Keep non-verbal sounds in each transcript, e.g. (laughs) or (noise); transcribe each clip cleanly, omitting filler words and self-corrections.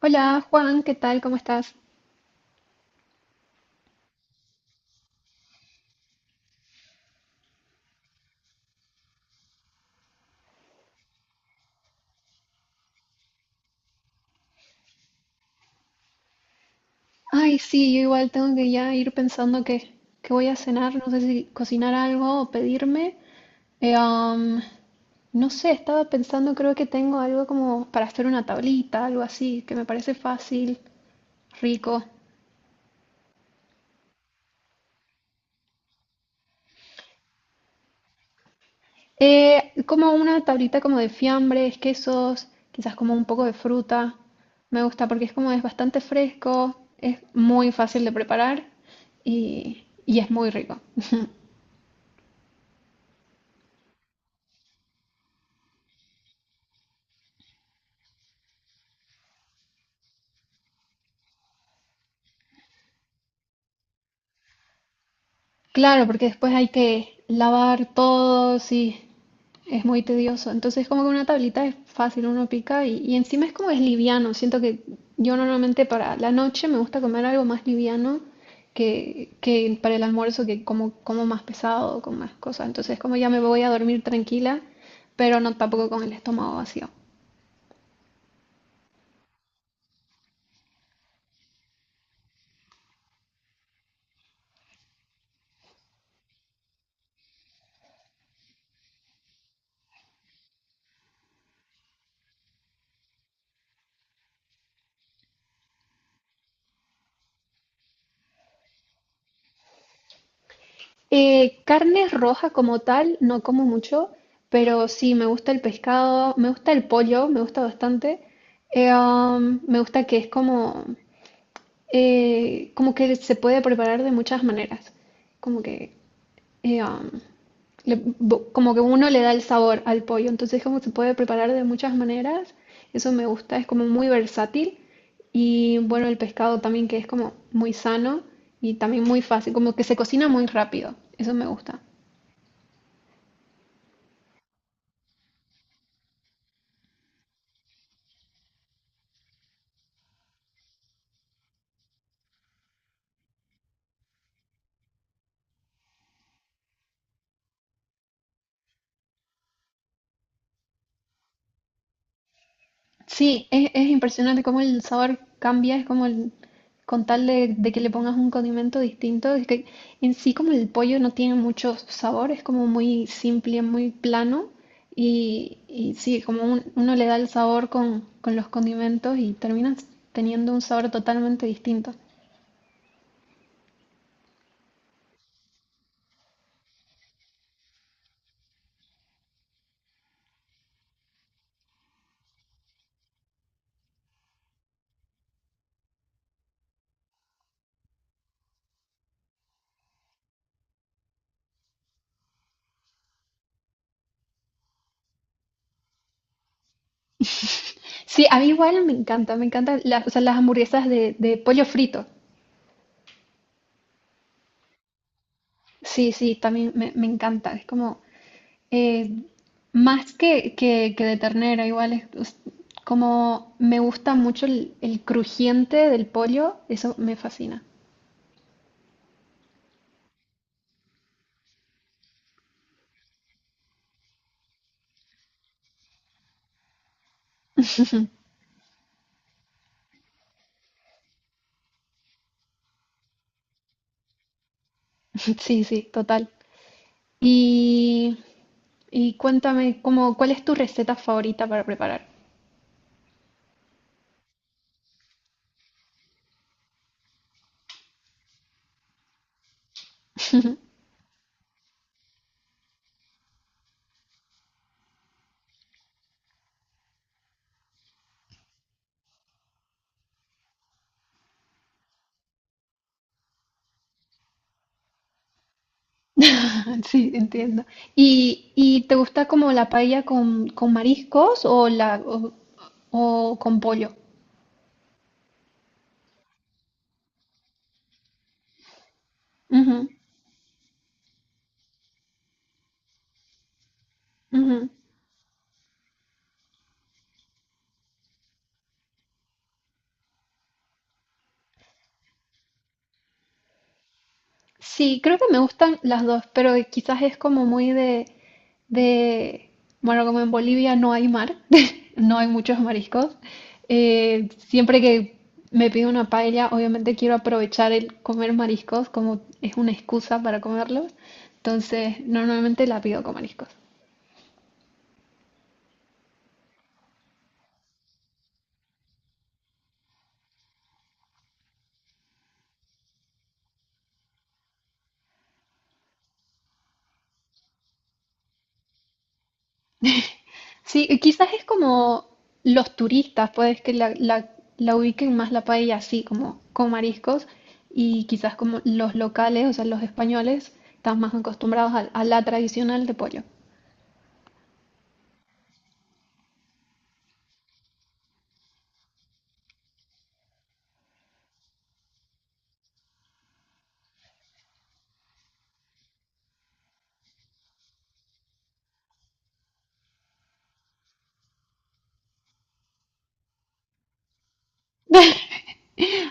Hola Juan, ¿qué tal? ¿Cómo estás? Ay, sí, yo igual tengo que ya ir pensando que voy a cenar, no sé si cocinar algo o pedirme. Eh, am, no sé, estaba pensando, creo que tengo algo como para hacer una tablita, algo así, que me parece fácil, rico. Como una tablita como de fiambres, quesos, quizás como un poco de fruta. Me gusta porque es como es bastante fresco, es muy fácil de preparar y es muy rico. (laughs) Claro, porque después hay que lavar todo, sí, es muy tedioso. Entonces, como que una tablita es fácil, uno pica y encima es como es liviano. Siento que yo normalmente para la noche me gusta comer algo más liviano que para el almuerzo, que como, como más pesado, con más cosas. Entonces, como ya me voy a dormir tranquila, pero no tampoco con el estómago vacío. Carne roja como tal, no como mucho, pero sí, me gusta el pescado, me gusta el pollo, me gusta bastante. Me gusta que es como, como que se puede preparar de muchas maneras. Como que, eh, um, como que uno le da el sabor al pollo. Entonces, como se puede preparar de muchas maneras. Eso me gusta, es como muy versátil. Y bueno, el pescado también que es como muy sano y también muy fácil, como que se cocina muy rápido. Eso me gusta. Sí, es impresionante cómo el sabor cambia, es como el, con tal de que le pongas un condimento distinto, es que en sí como el pollo no tiene mucho sabor, es como muy simple, muy plano, y sí, como uno le da el sabor con los condimentos y terminas teniendo un sabor totalmente distinto. Sí, a mí igual me encanta, me encantan las, o sea, las hamburguesas de pollo frito. Sí, sí, también me encanta, es como Eh, más que de ternera, igual es como me gusta mucho el crujiente del pollo, eso me fascina. (laughs) Sí, sí, total. Y, y cuéntame, como, ¿cuál es tu receta favorita para preparar? (laughs) Sí, entiendo. ¿ Y te gusta como la paella con mariscos o con pollo? Ujú, ujú. Sí, creo que me gustan las dos, pero quizás es como muy de, bueno, como en Bolivia no hay mar, (laughs) no hay muchos mariscos. Siempre que me pido una paella, obviamente quiero aprovechar el comer mariscos como es una excusa para comerlos. Entonces, normalmente la pido con mariscos. Sí, y quizás es como los turistas, pues que la ubiquen más la paella así, como con mariscos, y quizás como los locales, o sea, los españoles, están más acostumbrados a la tradicional de pollo.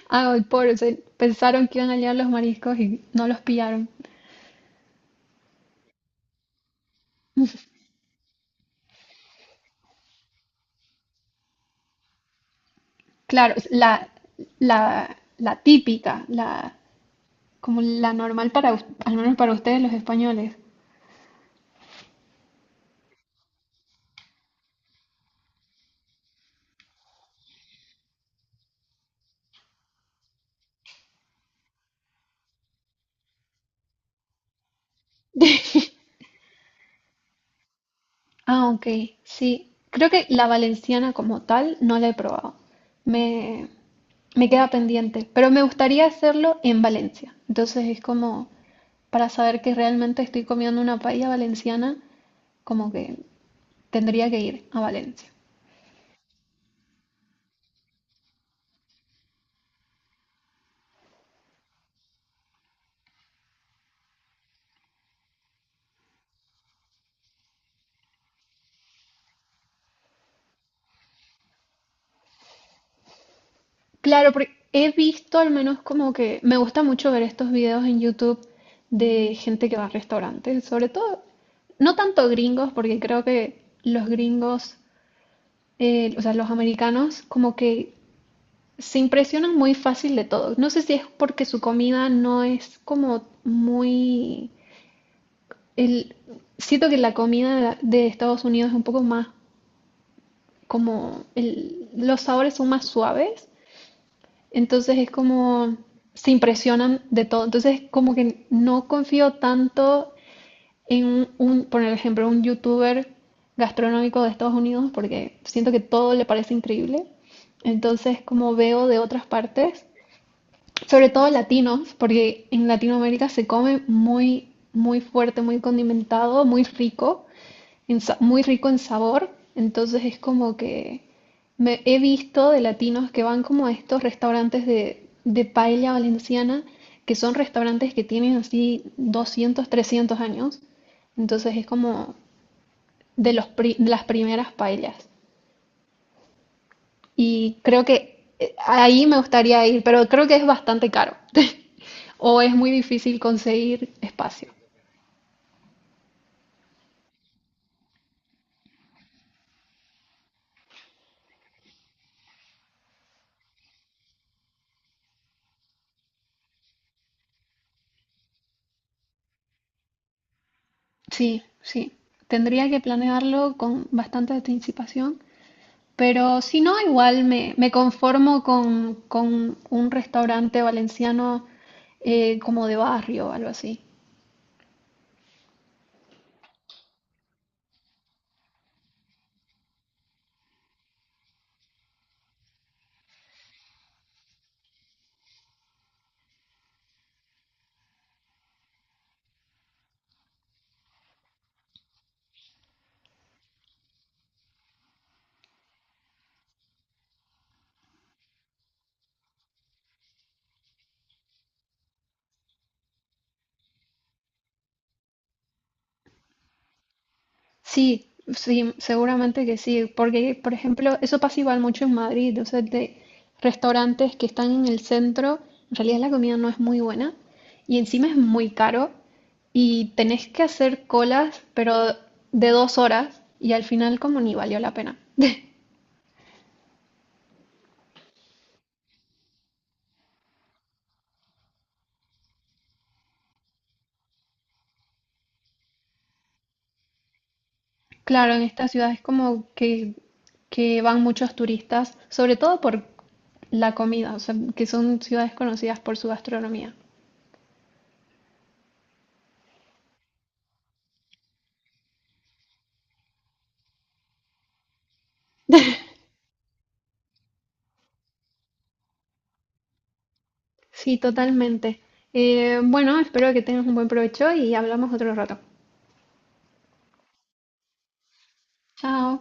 Ah, el pollo, pensaron que iban a llegar los mariscos y no los pillaron. Claro, es la típica, la, como la normal para, al menos para ustedes los españoles. Ah, ok, sí. Creo que la valenciana como tal no la he probado. Me, Me queda pendiente, pero me gustaría hacerlo en Valencia. Entonces es como para saber que realmente estoy comiendo una paella valenciana, como que tendría que ir a Valencia. Claro, porque he visto al menos como que me gusta mucho ver estos videos en YouTube de gente que va a restaurantes, sobre todo, no tanto gringos, porque creo que los gringos o sea, los americanos como que se impresionan muy fácil de todo. No sé si es porque su comida no es como muy… El, siento que la comida de Estados Unidos es un poco más como… Los sabores son más suaves, entonces es como… se impresionan de todo. Entonces como que no confío tanto en por ejemplo, un youtuber gastronómico de Estados Unidos porque siento que todo le parece increíble. Entonces, como veo de otras partes, sobre todo latinos, porque en Latinoamérica se come muy, muy fuerte, muy condimentado, muy rico, muy rico en sabor. Entonces es como que me he visto de latinos que van como a estos restaurantes de paella valenciana, que son restaurantes que tienen así 200-300 años. Entonces es como de de las primeras paellas. Y creo que ahí me gustaría ir, pero creo que es bastante caro. (laughs) O es muy difícil conseguir espacio. Sí, sí. Tendría que planearlo con bastante anticipación. Pero si no, igual me conformo con un restaurante valenciano como de barrio o algo así. Sí, sí, seguramente que sí, porque, por ejemplo, eso pasa igual mucho en Madrid, o sea, de restaurantes que están en el centro, en realidad la comida no es muy buena y encima es muy caro y tenés que hacer colas, pero de 2 horas y al final como ni valió la pena. (laughs) Claro, en esta ciudad es como que van muchos turistas, sobre todo por la comida, o sea, que son ciudades conocidas por su gastronomía. Sí, totalmente. Bueno, espero que tengas un buen provecho y hablamos otro rato. Chao.